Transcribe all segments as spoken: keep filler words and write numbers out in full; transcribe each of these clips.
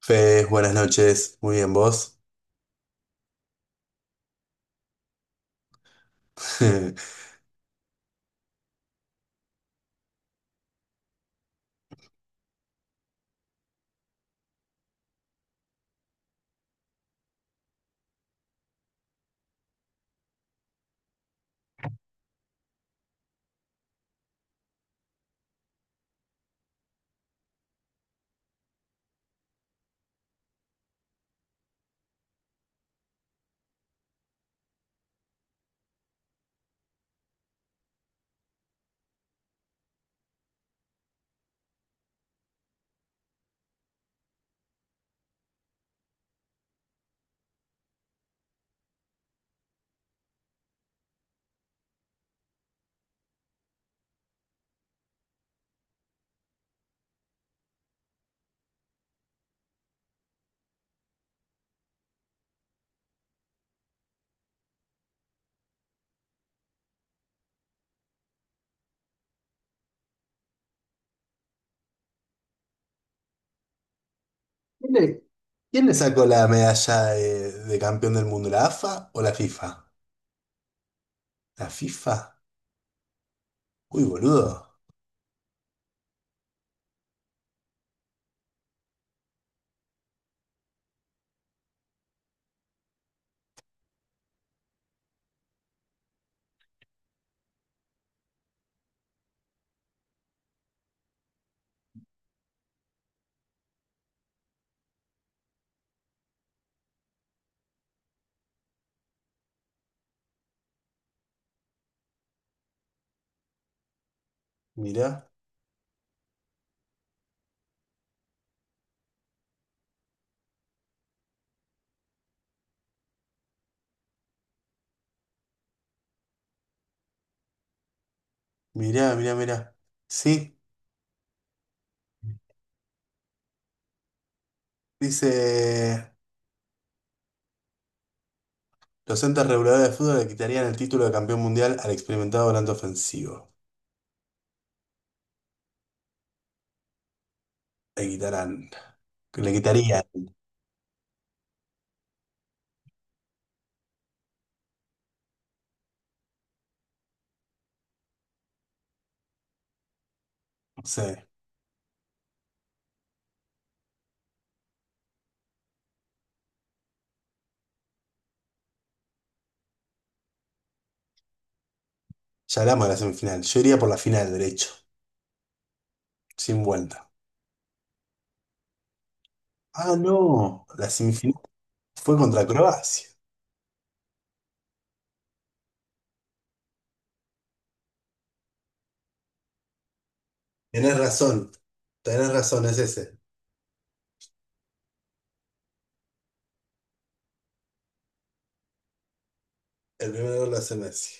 Fede, buenas noches, muy bien vos. ¿Quién le, quién le sacó la medalla de, de campeón del mundo? ¿La A F A o la FIFA? ¿La FIFA? Uy, boludo. Mirá, mirá, mirá, mirá. Sí, dice, los entes reguladores de fútbol le quitarían el título de campeón mundial al experimentado volante ofensivo. Le quitarán, le quitarían, no sé. Ya hablamos de la semifinal. Yo iría por la final, derecho, sin vuelta. Ah, no, la semifinal fue contra Croacia. Tienes razón, tienes razón, es ese. El primero lo hace Messi.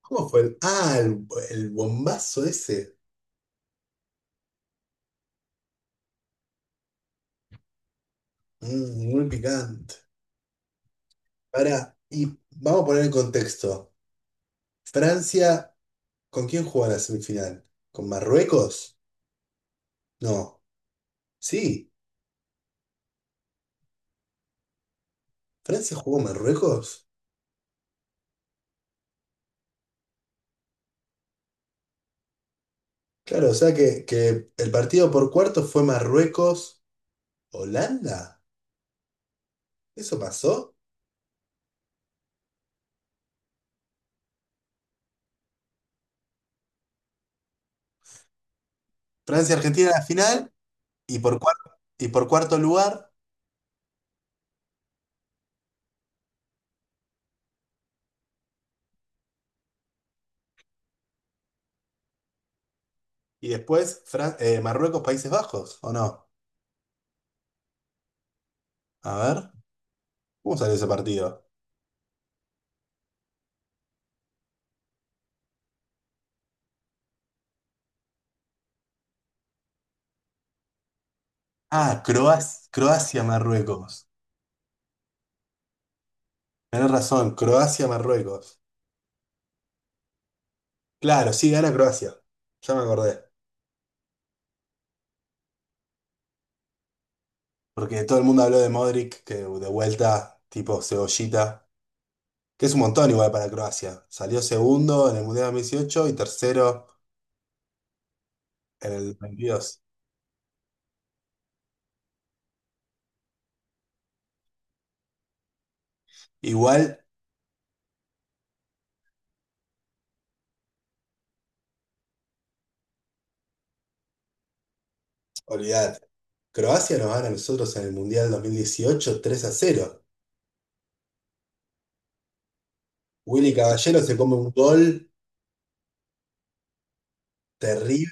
¿Cómo fue el...? Ah, el, el bombazo ese. Mm, muy picante. Ahora, y vamos a poner en contexto. Francia, ¿con quién jugó la semifinal? ¿Con Marruecos? No. Sí, Francia jugó Marruecos. Claro, o sea que, que el partido por cuarto fue Marruecos-Holanda. ¿Eso pasó? Francia-Argentina en la final y por cuarto, y por cuarto lugar. Y después Fran- eh, Marruecos, Países Bajos, ¿o no? A ver, ¿cómo salió ese partido? Ah, Croacia, Croacia, Marruecos. Tenés razón, Croacia, Marruecos. Claro, sí, gana Croacia. Ya me acordé. Porque todo el mundo habló de Modric, que de vuelta, tipo cebollita, que es un montón igual para Croacia. Salió segundo en el Mundial dos mil dieciocho y tercero en el veintidós. Igual, olvidad, Croacia nos gana a nosotros en el Mundial dos mil dieciocho tres a cero. Willy Caballero se come un gol. Terrible.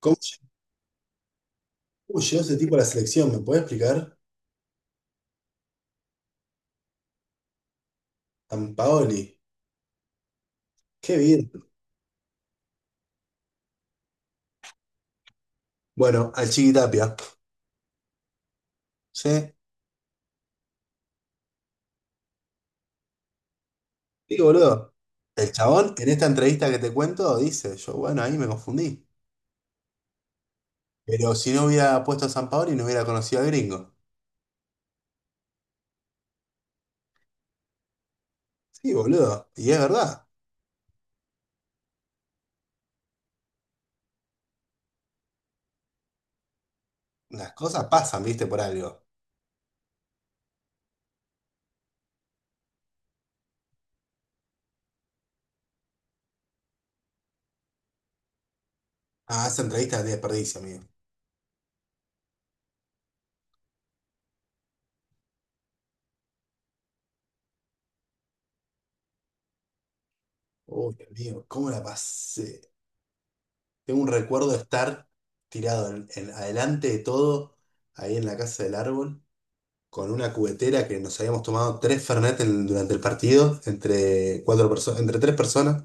¿Cómo llegó llegó ese tipo a la selección? ¿Me puede explicar? Sampaoli. Qué bien. Bueno, al Chiqui Tapia. Sí. Sí, boludo. El chabón, en esta entrevista que te cuento, dice, yo, bueno, ahí me confundí. Pero si no hubiera puesto a Sampaoli, no hubiera conocido al gringo. Sí, boludo. Y es verdad. Las cosas pasan, viste, por algo. Ah, esa entrevista de desperdicio, amigo. Uy, amigo, ¿cómo la pasé? Tengo un recuerdo de estar tirado en- en- adelante de todo, ahí en la casa del árbol, con una cubetera que nos habíamos tomado tres Fernet en- durante el partido, entre, cuatro perso- entre tres personas.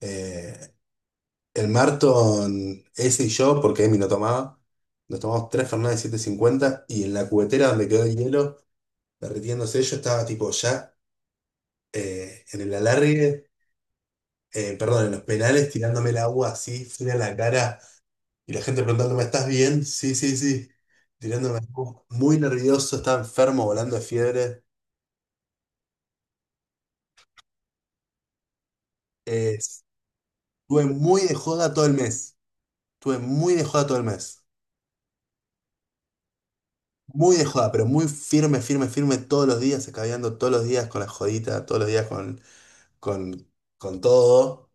Eh, el Marton, ese y yo, porque Emi no tomaba, nos tomamos tres Fernet de siete cincuenta y en la cubetera donde quedó el hielo derritiéndose, yo estaba tipo ya eh, en el alargue, eh, perdón, en los penales, tirándome el agua así, fría en la cara, y la gente preguntándome, ¿estás bien? Sí, sí, sí. Tirándome agua, muy nervioso, estaba enfermo, volando de fiebre. Eh, Estuve muy de joda todo el mes. Estuve muy de joda todo el mes. Muy de joda, pero muy firme, firme, firme todos los días, escabeando todos los días con la jodita, todos los días con, con, con todo.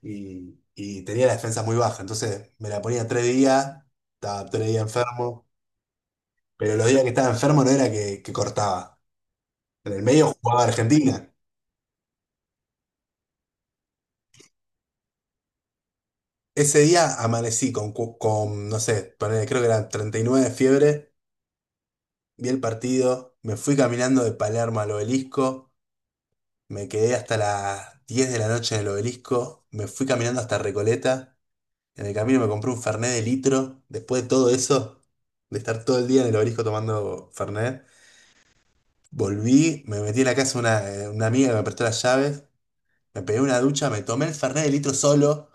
Y, y tenía la defensa muy baja. Entonces me la ponía tres días, estaba tres días enfermo. Pero los días que estaba enfermo no era que, que cortaba. En el medio jugaba Argentina. Ese día amanecí con, cu- con no sé, ponele, creo que eran treinta y nueve de fiebre. Vi el partido, me fui caminando de Palermo al Obelisco. Me quedé hasta las diez de la noche en el obelisco, me fui caminando hasta Recoleta, en el camino me compré un Fernet de litro, después de todo eso, de estar todo el día en el obelisco tomando Fernet, volví, me metí en la casa de una, eh, una amiga que me prestó las llaves, me pegué una ducha, me tomé el Fernet de litro solo,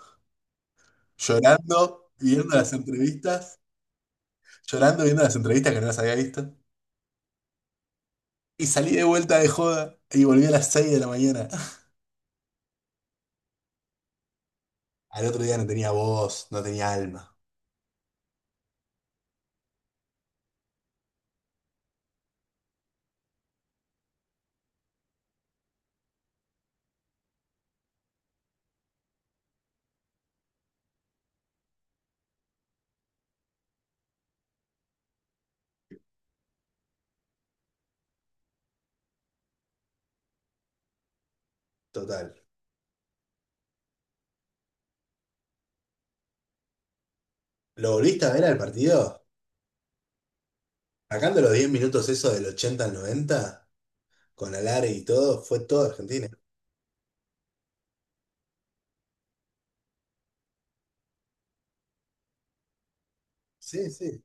llorando, viendo las entrevistas, llorando, viendo las entrevistas que no las había visto, y salí de vuelta de joda y volví a las seis de la mañana. Al otro día no tenía voz, no tenía alma, total. ¿Lo volviste a ver al partido? Sacando los diez minutos esos del ochenta al noventa con Alare y todo, fue todo Argentina. Sí, sí.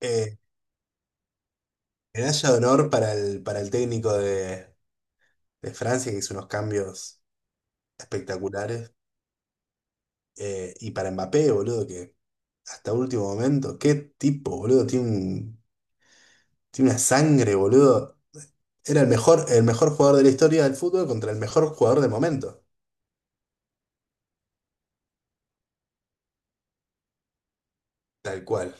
Eh, medalla de honor para el, para el técnico de, de Francia, que hizo unos cambios espectaculares. Eh, y para Mbappé, boludo, que hasta último momento, qué tipo, boludo, tiene, un- tiene una sangre, boludo. Era el mejor, el mejor jugador de la historia del fútbol contra el mejor jugador de momento. Tal cual.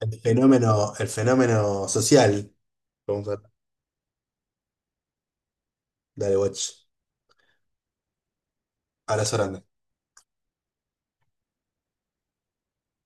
El fenómeno, el fenómeno social. Dale, watch. Abrazo grande.